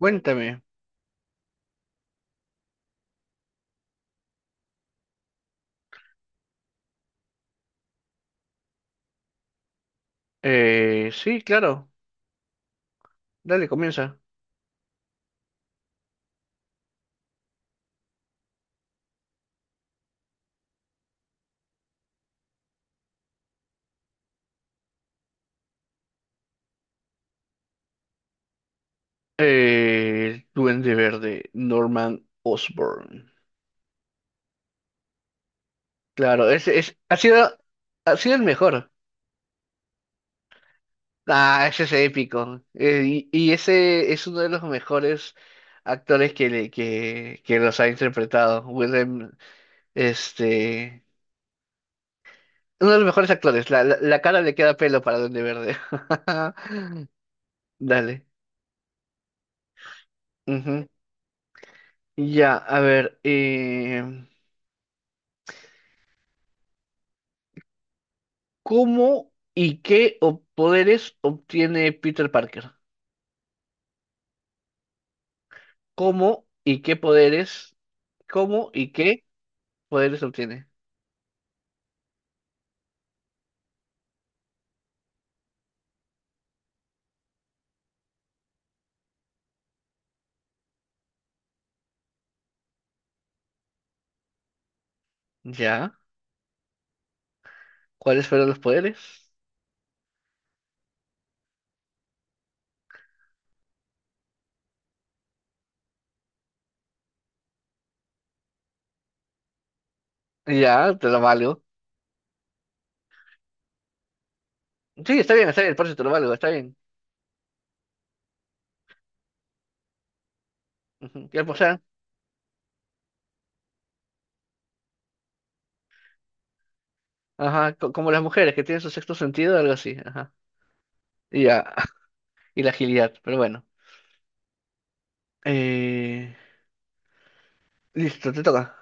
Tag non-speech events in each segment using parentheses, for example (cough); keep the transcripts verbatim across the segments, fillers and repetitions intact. Cuéntame. Eh, sí, claro. Dale, comienza. Eh, el Duende Verde, Norman Osborn. Claro, ese es, ha sido, ha sido el mejor. Ah, ese es épico. Eh, y, y ese es uno de los mejores actores que, le- que, que los ha interpretado. Willem, este, uno de los mejores actores. La, la, la cara le queda pelo para Duende Verde. (laughs) Dale. Ujú. Ya, a ver. eh, ¿Cómo y qué ob- poderes obtiene Peter Parker? ¿Cómo y qué poderes? ¿Cómo y qué poderes obtiene? Ya, ¿cuáles fueron los poderes? Ya, te lo valgo. Sí, está bien, está bien, por eso te lo valgo, está bien. Ujú. Ya, pues, ya. Ajá, co- como las mujeres que tienen su sexto sentido, algo así, ajá. Ya, (laughs) y la agilidad, pero bueno. Eh, Listo, te toca.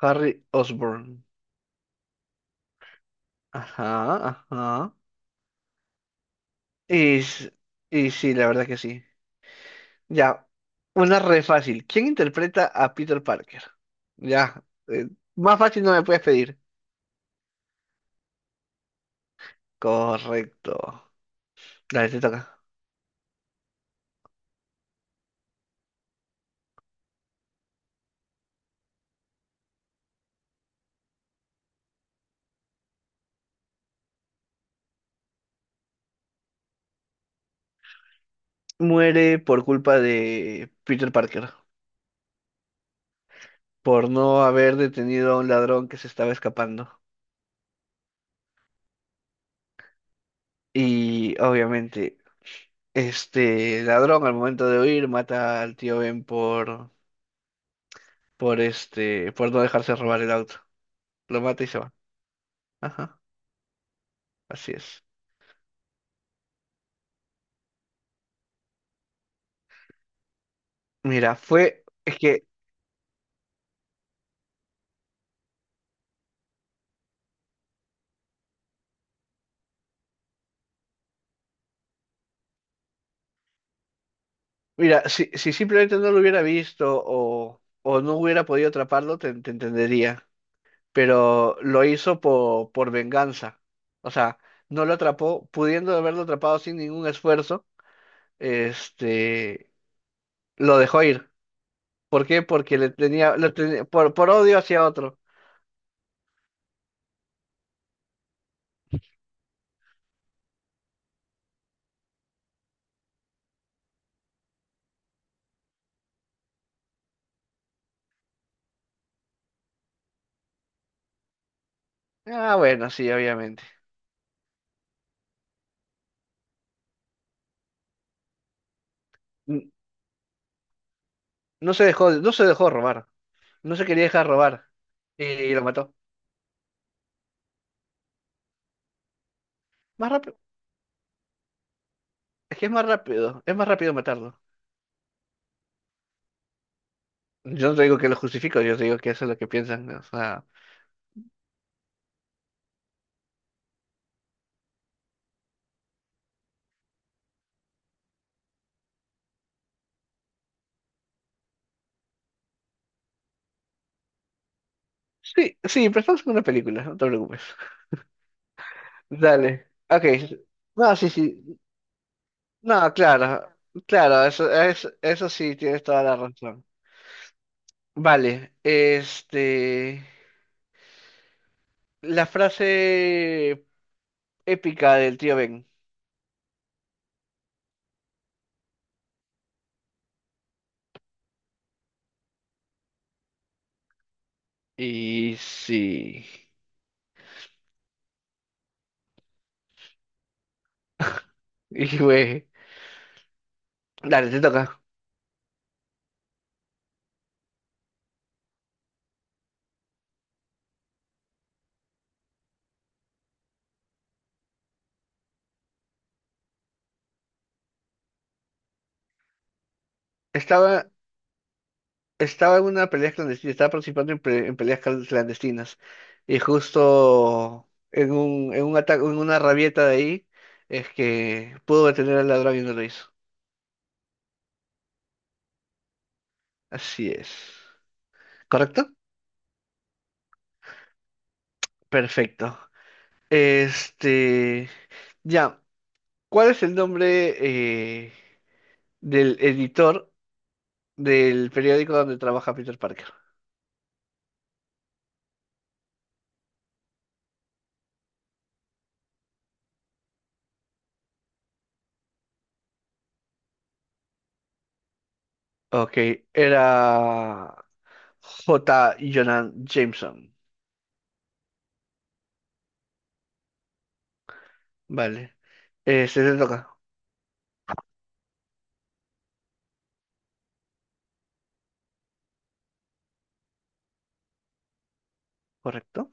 Harry Osborn. Ajá, ajá. Y, s- y sí, la verdad que sí. Ya, una re fácil. ¿Quién interpreta a Peter Parker? Ya, eh, más fácil no me puedes pedir. Correcto. Dale, te toca. Muere por culpa de Peter Parker, por no haber detenido a un ladrón que se estaba escapando. Y obviamente, este ladrón al momento de huir mata al tío Ben por, por este, por no dejarse robar el auto. Lo mata y se va. Ajá, así es. Mira, fue, es que Mira, si, si simplemente no lo hubiera visto o, o no hubiera podido atraparlo, te, te entendería. Pero lo hizo por, por venganza. O sea, no lo atrapó, pudiendo haberlo atrapado sin ningún esfuerzo, este, lo dejó ir. ¿Por qué? Porque le tenía, lo tenía- por, por odio hacia otro. Ah, bueno, sí, obviamente. N- No se dejó, no se dejó robar. No se quería dejar robar. Y lo mató. Más rápido. Es que es más rápido. Es más rápido matarlo. Yo no te digo que lo justifico, yo te digo que eso es lo que piensan. O sea, sí, sí, pero estamos en una película, no te preocupes. (laughs) Dale. Ok. No, sí, sí. No, claro. Claro, eso, es, eso sí, tienes toda la razón. Vale. Este. La frase épica del tío Ben. Y sí. (laughs) Y güey. Dale, te toca. Estaba Estaba en una pelea clandestina, estaba participando en, pe- en peleas cal- clandestinas. Y justo en un, en un ataque, en una rabieta de ahí, es que pudo detener al ladrón y no lo hizo. Así es. ¿Correcto? Perfecto. Este. Ya. ¿Cuál es el nombre eh, del editor del periódico donde trabaja Peter Parker? Ok, era J. Jonan Jameson. Vale. Eh, se te toca, ¿correcto?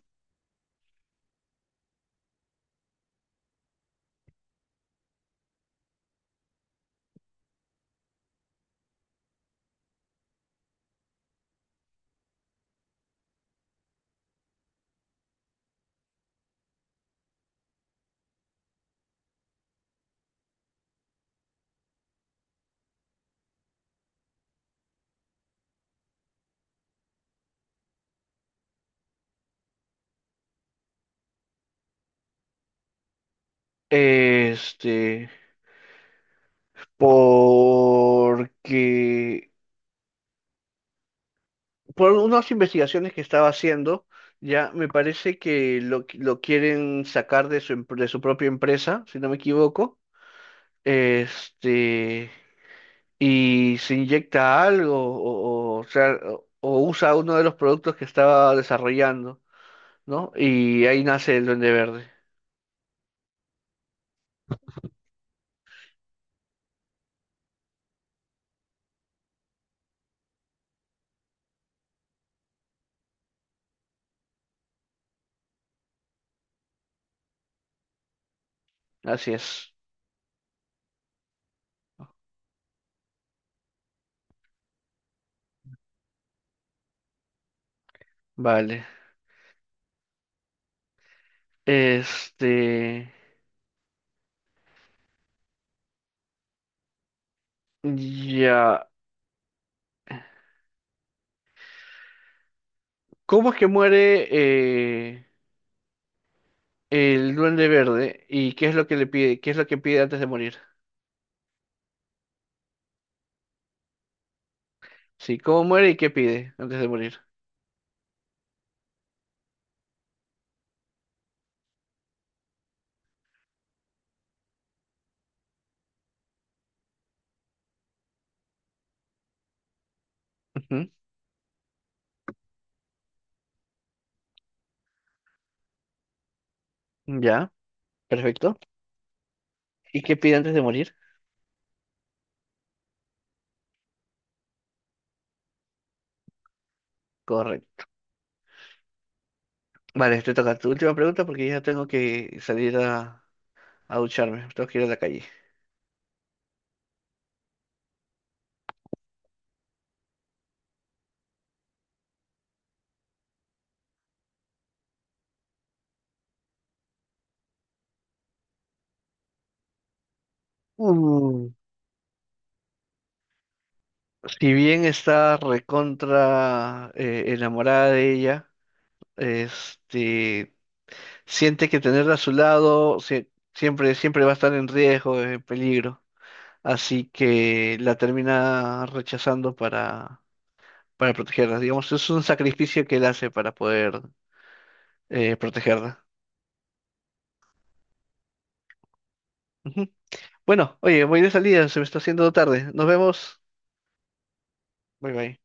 Este, porque por unas investigaciones que estaba haciendo, ya me parece que lo, lo quieren sacar de su, em- de su propia empresa, si no me equivoco. Este, y se inyecta algo, o, o, o sea, o- o usa uno de los productos que estaba desarrollando, ¿no? Y ahí nace el Duende Verde. Así es. Vale. Este, ya. ¿Cómo es que muere eh, el Duende Verde y qué es lo que le pide? ¿Qué es lo que pide antes de morir? Sí, ¿cómo muere y qué pide antes de morir? Ujú. Ya, perfecto. ¿Y qué pide antes de morir? Correcto. Vale, te toca tu última pregunta porque ya tengo que salir a, a ducharme, tengo que ir a la calle. Uh, si bien está recontra eh, enamorada de ella, este, siente que tenerla a su lado sie- siempre, siempre va a estar en riesgo, en peligro. Así que la termina rechazando para, para protegerla. Digamos, es un sacrificio que él hace para poder eh, protegerla. Ujú. Bueno, oye, voy de salida, se me está haciendo tarde. Nos vemos. Bye bye.